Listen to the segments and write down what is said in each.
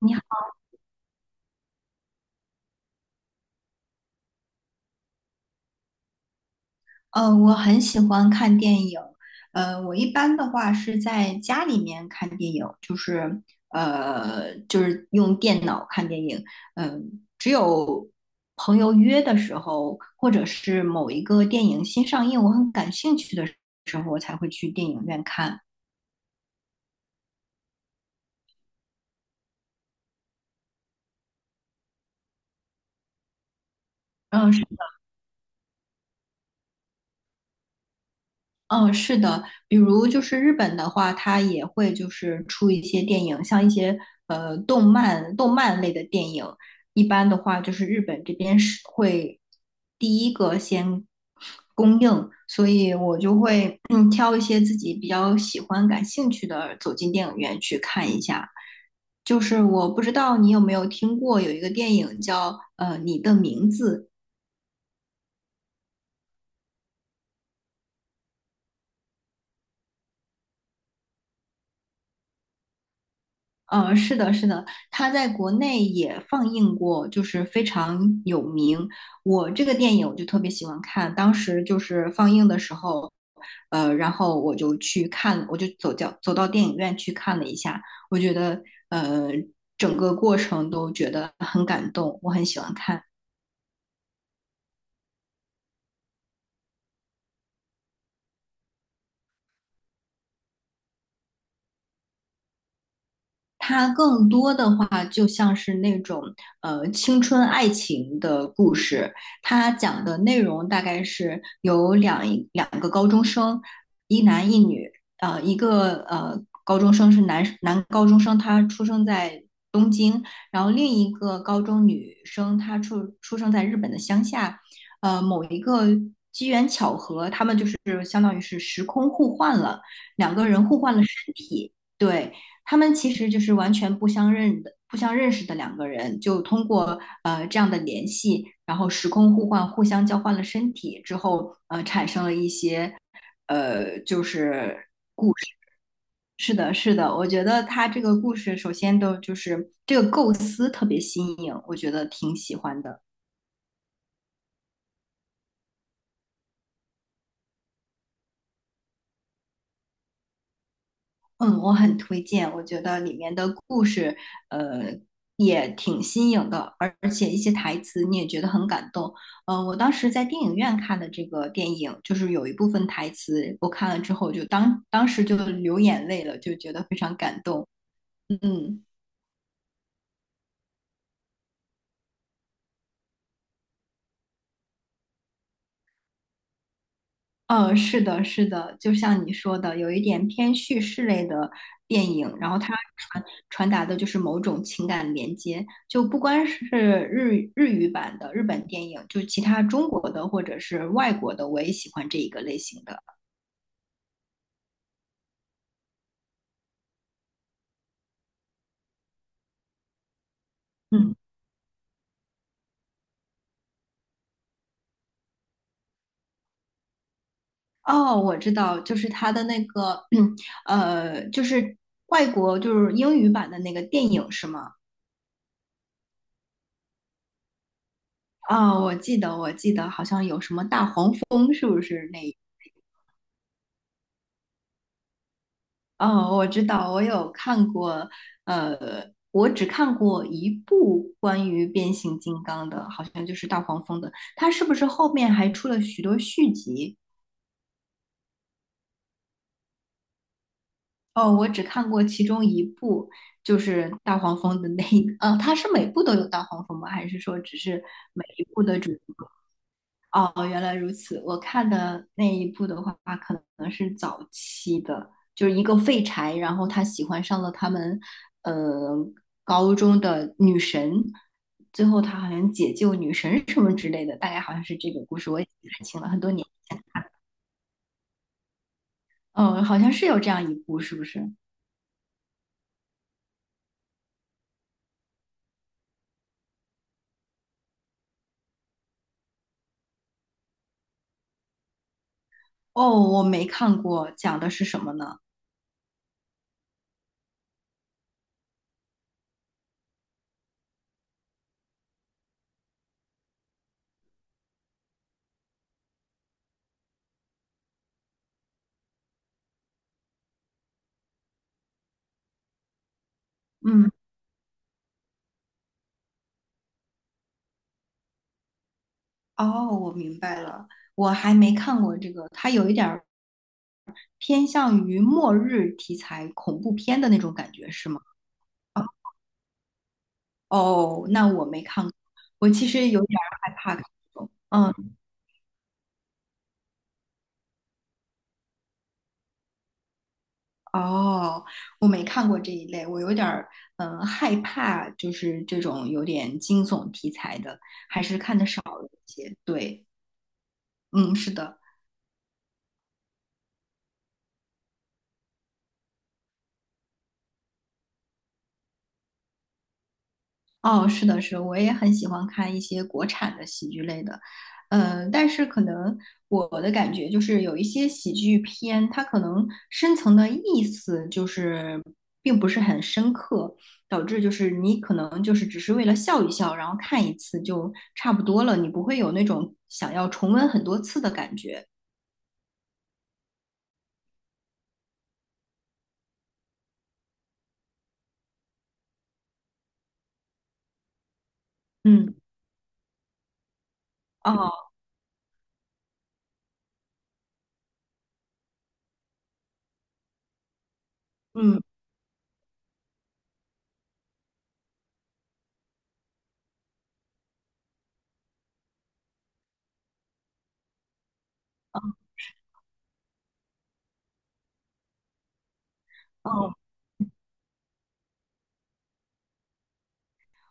你好，我很喜欢看电影。我一般的话是在家里面看电影，就是就是用电脑看电影。只有朋友约的时候，或者是某一个电影新上映，我很感兴趣的时候，我才会去电影院看。嗯。是。嗯，是的。比如就是日本的话，它也会就是出一些电影，像一些动漫类的电影。一般的话，就是日本这边是会第一个先供应，所以你挑一些自己比较喜欢、感兴趣的，走进电影院去看一下。就是我不知道你有没有听过有一个电影叫《你的名字》。是的，是的，它在国内也放映过，就是非常有名。我这个电影我就特别喜欢看，当时就是放映的时候，然后我就去看，我就走掉，走到电影院去看了一下。我觉得呃，整个过程都觉得很感动，我很喜欢看。它更多的话就像是那种青春爱情的故事。它讲的内容大概是有两个高中生，一男一女。一个高中生是男高中生，他出生在东京。然后另一个高中女生她出生在日本的乡下。呃，某一个他们就是相当于是时空互换了，两个人互换了身体。对，他们其实就是完全不相认的、不相认识的两个人，就通过这样的联系，然后时空互换，互相交换了身体之后，产生了一些。就是。是的，是的，我觉得他这个故事首先都就是这个构思特别新颖，我觉得挺喜欢的。嗯，我很推荐。我觉得里面的故事，呃，也挺新颖的，而且一些台词你也觉得很感动。我当时在电影院看的这个电影，就是有一部分台词，我看了之后就当时就流眼泪了，就觉得非常感动。嗯。嗯，是的，是的，就像你说的，有一点偏叙事类的电影，然后它传传达的就是某种情感连接，就不光是日语版的日本电影，就其他中国的或者是外国的，我也喜欢这一个类型的。嗯。哦，我知道，就是它的那个，就是外国就是英语版的那个电影是吗？哦，我记得，好像有什么大黄蜂，是不是那？哦，我知道，我有看过。呃，我只看过一部关于变形金刚的，好像就是大黄蜂的。它是不是后面还出了许多续集？哦，我只看过其中一部，就是大黄蜂的它是每部都有大黄蜂吗？还是说只是每一部的主？哦，原来如此。我看的那一部的话，可能是早期的，就是一个废柴，然后他喜欢上了他们，呃，高中的女神，最后他好像解救女神什么之类的，大概好像是这个故事，我也记不太清了，很多年。嗯，好像是有这样一部，是不是？哦，我没看过，讲的是什么呢？嗯。哦，我明白了，我还没看过这个，它有一点儿偏向于末日题材恐怖片的那种感觉，是吗？哦。哦，那我没看过，我其实有点儿害怕看这种。嗯。哦，我没看过这一类，我有点儿害怕，就是这种有点惊悚题材的，还是看的少了一些。对，嗯，是的。哦，是的，是的，我也很喜欢看一些国产的喜剧类的。但是可能我的感觉就是有一些喜剧片，它可能深层的意思就是并不是很深刻，导致就是你可能就是只是为了笑一笑，然后看一次就差不多了，你不会有那种想要重温很多次的感觉。嗯。哦。嗯。哦。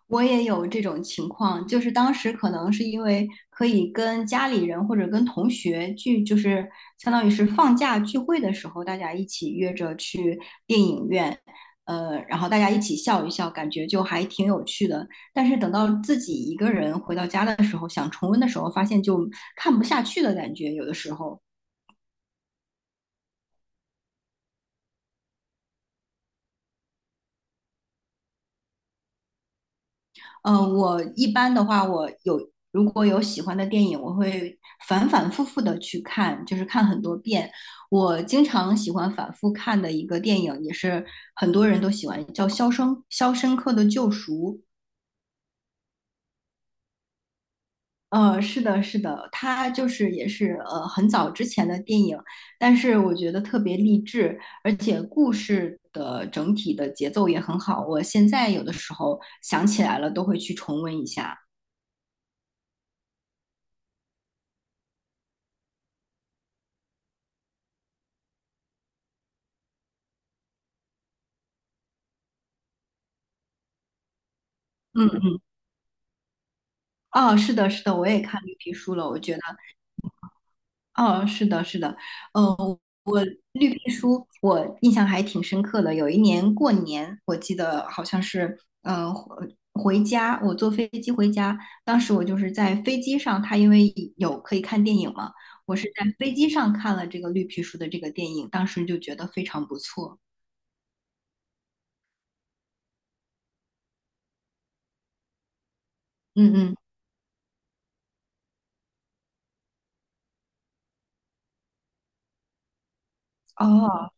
我也有这种情况，就是当时可能是因为可以跟家里人或者跟同学聚，就是相当于是放假聚会的时候，大家一起约着去电影院。然后大家一起笑一笑，感觉就还挺有趣的。但是等到自己一个人回到家的时候，想重温的时候，发现就看不下去的感觉，有的时候。嗯，我一般的话，如果有喜欢的电影，我会反反复复的去看，就是看很多遍。我经常喜欢反复看的一个电影，也是很多人都喜欢，叫《肖申克的救赎》。是的，是的，它就是也是很早之前的电影，但是我觉得特别励志，而且故事的整体的节奏也很好。我现在有的时候想起来了，都会去重温一下。嗯。哦，是的，是的，我也看绿皮书了。我觉得，哦，是的，是的，嗯，我绿皮书我印象还挺深刻的。有一年过年，我记得好像是，回家，我坐飞机回家，当时我就是在飞机上，它因为有可以看电影嘛，我是在飞机上看了这个绿皮书的这个电影，当时就觉得非常不错。嗯嗯。哦。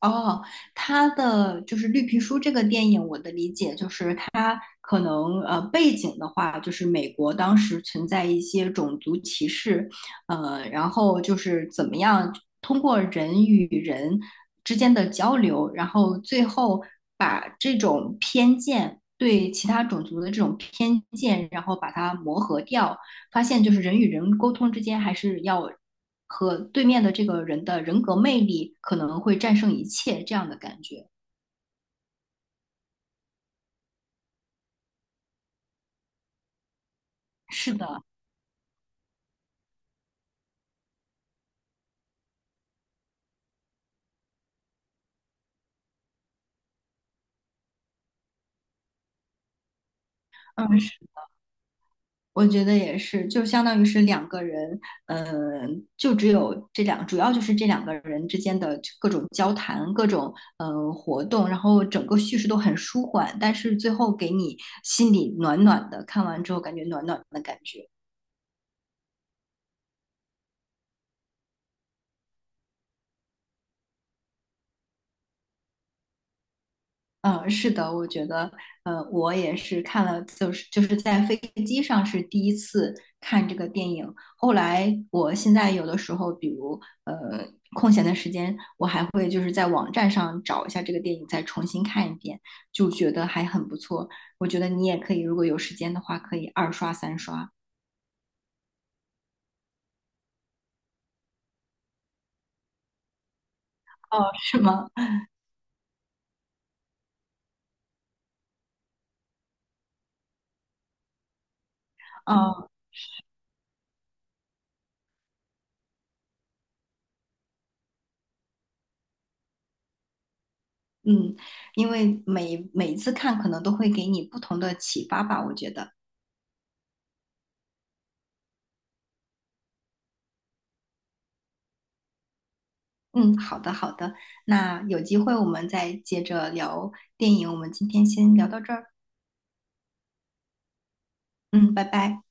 哦，他的就是《绿皮书》这个电影，我的理解就是它可能背景的话，就是美国当时存在一些种族歧视。然后就是怎么样通过人与人之间的交流，然后最后把这种偏见对其他种族的这种偏见，然后把它磨合掉，发现就是人与人沟通之间还是要和对面的这个人的人格魅力可能会战胜一切这样的感觉。是的。嗯，是我觉得也是，就相当于是两个人。嗯，就只有主要就是这两个人之间的各种交谈、各种活动，然后整个叙事都很舒缓，但是最后给你心里暖暖的，看完之后感觉暖暖的感觉。嗯，是的，我觉得，我也是看了，就是在飞机上是第一次看这个电影。后来，我现在有的时候，比如空闲的时间，我还会就是在网站上找一下这个电影，再重新看一遍，就觉得还很不错。我觉得你也可以，如果有时间的话，可以二刷三刷。哦，是吗？哦。嗯，因为每一次看可能都会给你不同的启发吧，我觉得。嗯，好的好的，那有机会我们再接着聊电影，我们今天先聊到这儿。嗯，拜拜。